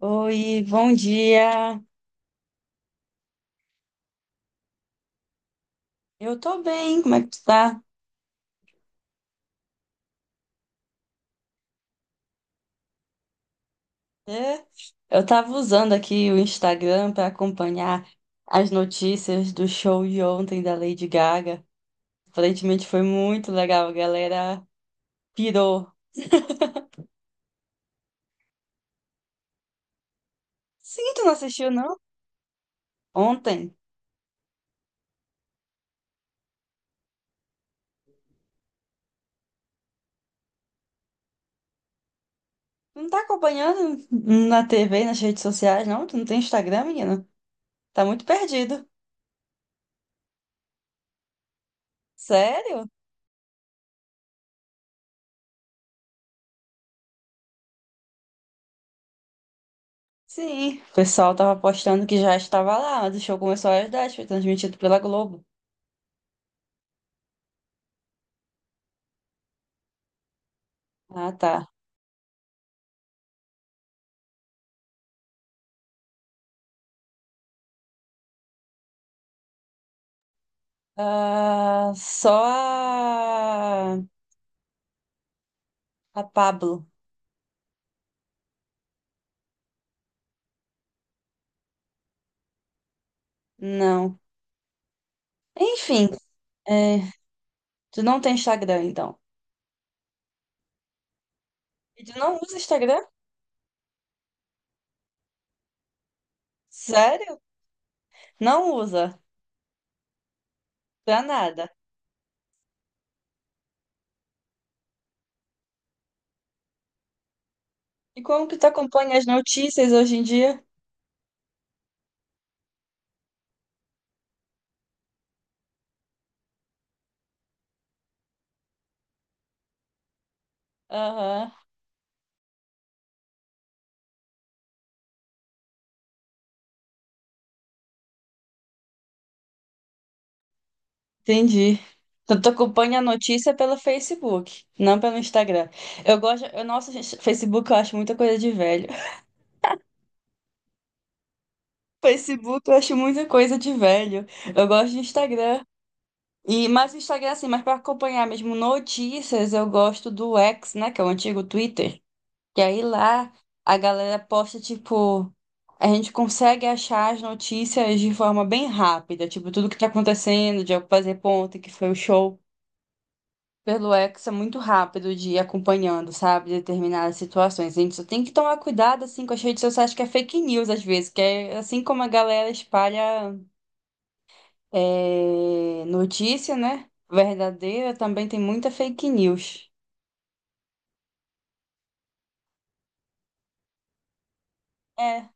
Oi, bom dia. Eu tô bem, como é que tu tá? É, eu tava usando aqui o Instagram pra acompanhar as notícias do show de ontem da Lady Gaga. Aparentemente foi muito legal, a galera pirou. Sim, tu não assistiu, não? Ontem. Tu não tá acompanhando na TV, nas redes sociais, não? Tu não tem Instagram, menina? Tá muito perdido. Sério? Sim, o pessoal tava postando que já estava lá, mas o show começou às 10, foi transmitido pela Globo. Ah, tá. Ah, só a Pablo. Não. Enfim, é, tu não tem Instagram, então. E tu não usa Instagram? Sério? Não usa. Pra nada. E como que tu acompanha as notícias hoje em dia? Aham, entendi. Então, tu acompanha a notícia pelo Facebook, não pelo Instagram. Eu gosto. Eu, nossa, gente, Facebook eu acho muita coisa de velho. Facebook eu acho muita coisa de velho. Eu gosto de Instagram. E, mas o Instagram, assim, mas para acompanhar mesmo notícias, eu gosto do X, né? Que é o antigo Twitter. Que aí lá a galera posta, tipo, a gente consegue achar as notícias de forma bem rápida, tipo, tudo que tá acontecendo, de fazer ponto, que foi o show. Pelo X é muito rápido de ir acompanhando, sabe, determinadas situações. A gente só tem que tomar cuidado, assim, com as redes sociais que é fake news, às vezes, que é assim como a galera espalha é, notícia, né? Verdadeira, também tem muita fake news. É.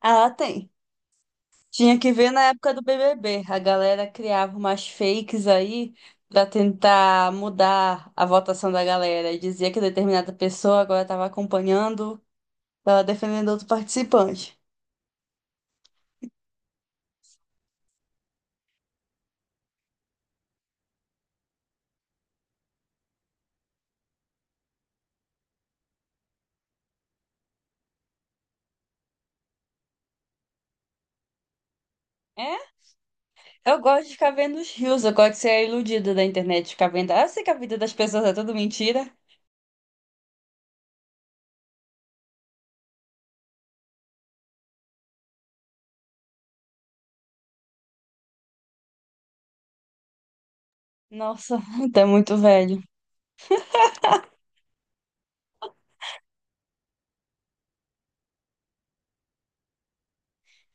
Ah, tem. Tinha que ver na época do BBB. A galera criava umas fakes aí pra tentar mudar a votação da galera. E dizia que determinada pessoa agora estava acompanhando, estava defendendo outro participante. É? Eu gosto de ficar vendo os rios. Eu gosto de ser a iludida da internet. Ficar vendo. Ah, eu sei que a vida das pessoas é tudo mentira. Nossa, tá muito velho.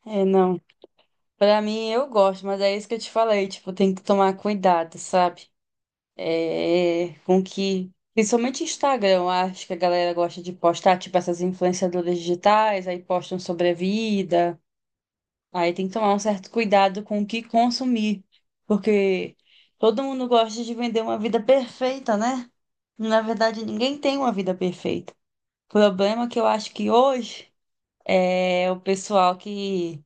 É, não. Pra mim, eu gosto, mas é isso que eu te falei, tipo, tem que tomar cuidado, sabe? É, com que, principalmente Instagram, eu acho que a galera gosta de postar, tipo, essas influenciadoras digitais, aí postam sobre a vida, aí tem que tomar um certo cuidado com o que consumir, porque todo mundo gosta de vender uma vida perfeita, né? Na verdade, ninguém tem uma vida perfeita. O problema é que eu acho que hoje é o pessoal que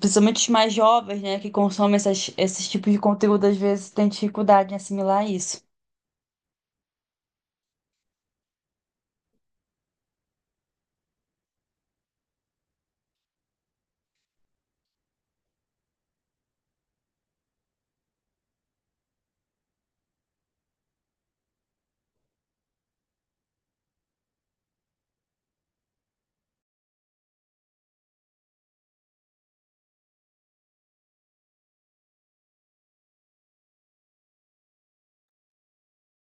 principalmente os mais jovens, né, que consomem essas, esses tipos de conteúdo, às vezes têm dificuldade em assimilar isso.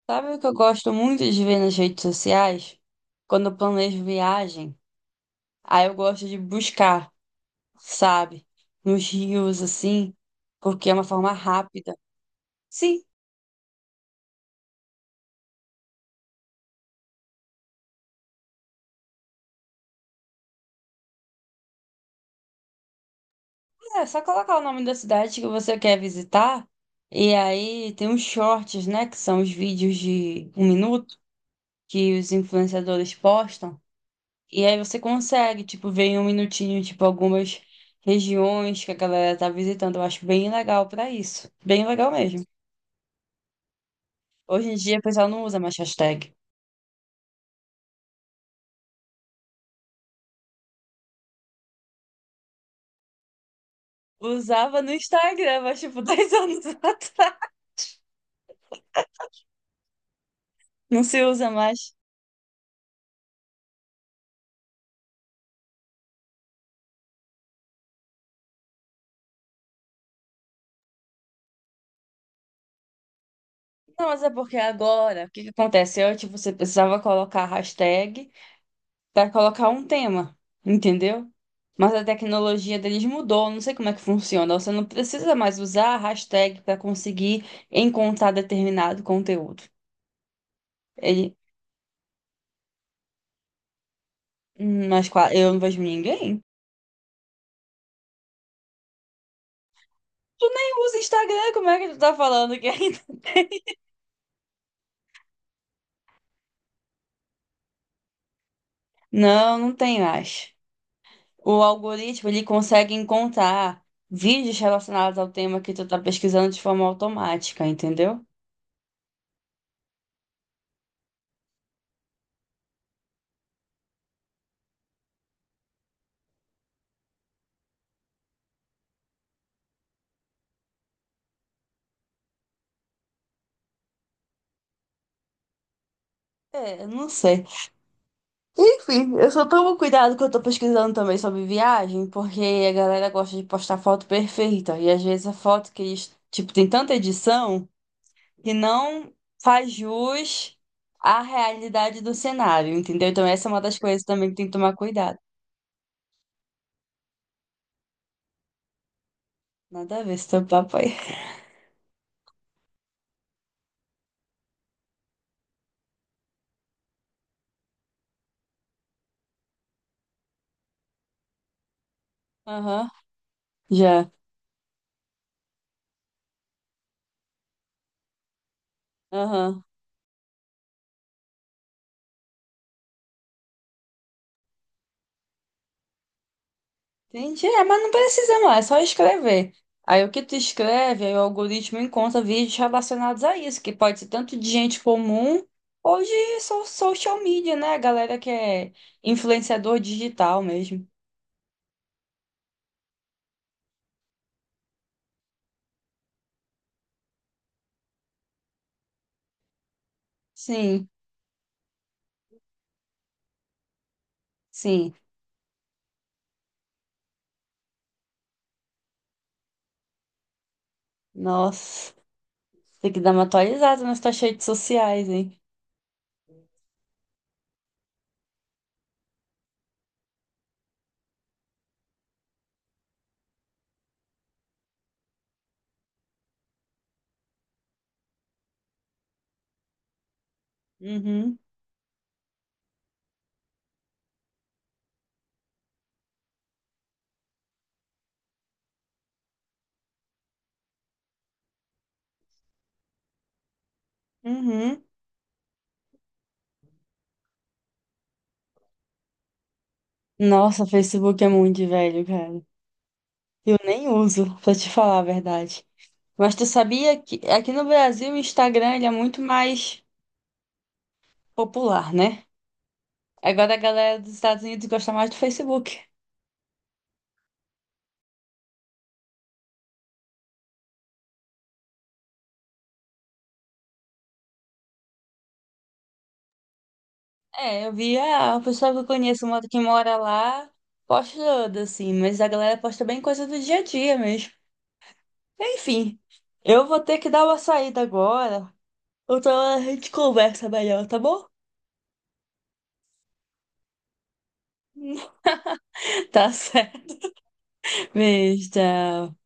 Sabe o que eu gosto muito de ver nas redes sociais? Quando eu planejo viagem, aí eu gosto de buscar, sabe? Nos rios, assim, porque é uma forma rápida. Sim, é só colocar o nome da cidade que você quer visitar, e aí tem os shorts, né, que são os vídeos de um minuto que os influenciadores postam. E aí você consegue, tipo, ver em um minutinho, tipo, algumas regiões que a galera tá visitando. Eu acho bem legal pra isso. Bem legal mesmo. Hoje em dia o pessoal não usa mais hashtag. Usava no Instagram, mas tipo, 10 anos atrás. Não se usa mais. Não, mas é porque agora, o que que acontece? Antes você precisava colocar hashtag para colocar um tema, entendeu? Mas a tecnologia deles mudou, não sei como é que funciona. Você não precisa mais usar a hashtag para conseguir encontrar determinado conteúdo. Ele, mas eu não vejo ninguém. Tu nem usa Instagram, como é que tu tá falando que ainda? Não, não tem mais. O algoritmo, ele consegue encontrar vídeos relacionados ao tema que tu tá pesquisando de forma automática, entendeu? É, eu não sei. Enfim, eu só tomo cuidado que eu tô pesquisando também sobre viagem, porque a galera gosta de postar foto perfeita. E às vezes a foto que eles, tipo, tem tanta edição que não faz jus à realidade do cenário, entendeu? Então essa é uma das coisas também que tem que tomar cuidado. Nada a ver, esse papo aí. Aham, já. Aham. Entendi, é, mas não precisa não, é só escrever. Aí o que tu escreve, aí o algoritmo encontra vídeos relacionados a isso, que pode ser tanto de gente comum ou de social media, né? A galera que é influenciador digital mesmo. Sim, sim. Nossa, tem que dar uma atualizada nas tuas redes sociais, hein? Uhum, uhum. Nossa, Facebook é muito velho, cara. Eu nem uso, pra te falar a verdade. Mas tu sabia que aqui no Brasil o Instagram ele é muito mais popular, né? Agora a galera dos Estados Unidos gosta mais do Facebook. É, eu vi ah, o pessoal que eu conheço uma que mora lá postando, assim, mas a galera posta bem coisa do dia a dia mesmo. Enfim, eu vou ter que dar uma saída agora. Outra hora a gente conversa melhor, tá bom? Tá certo. Beijo, tchau.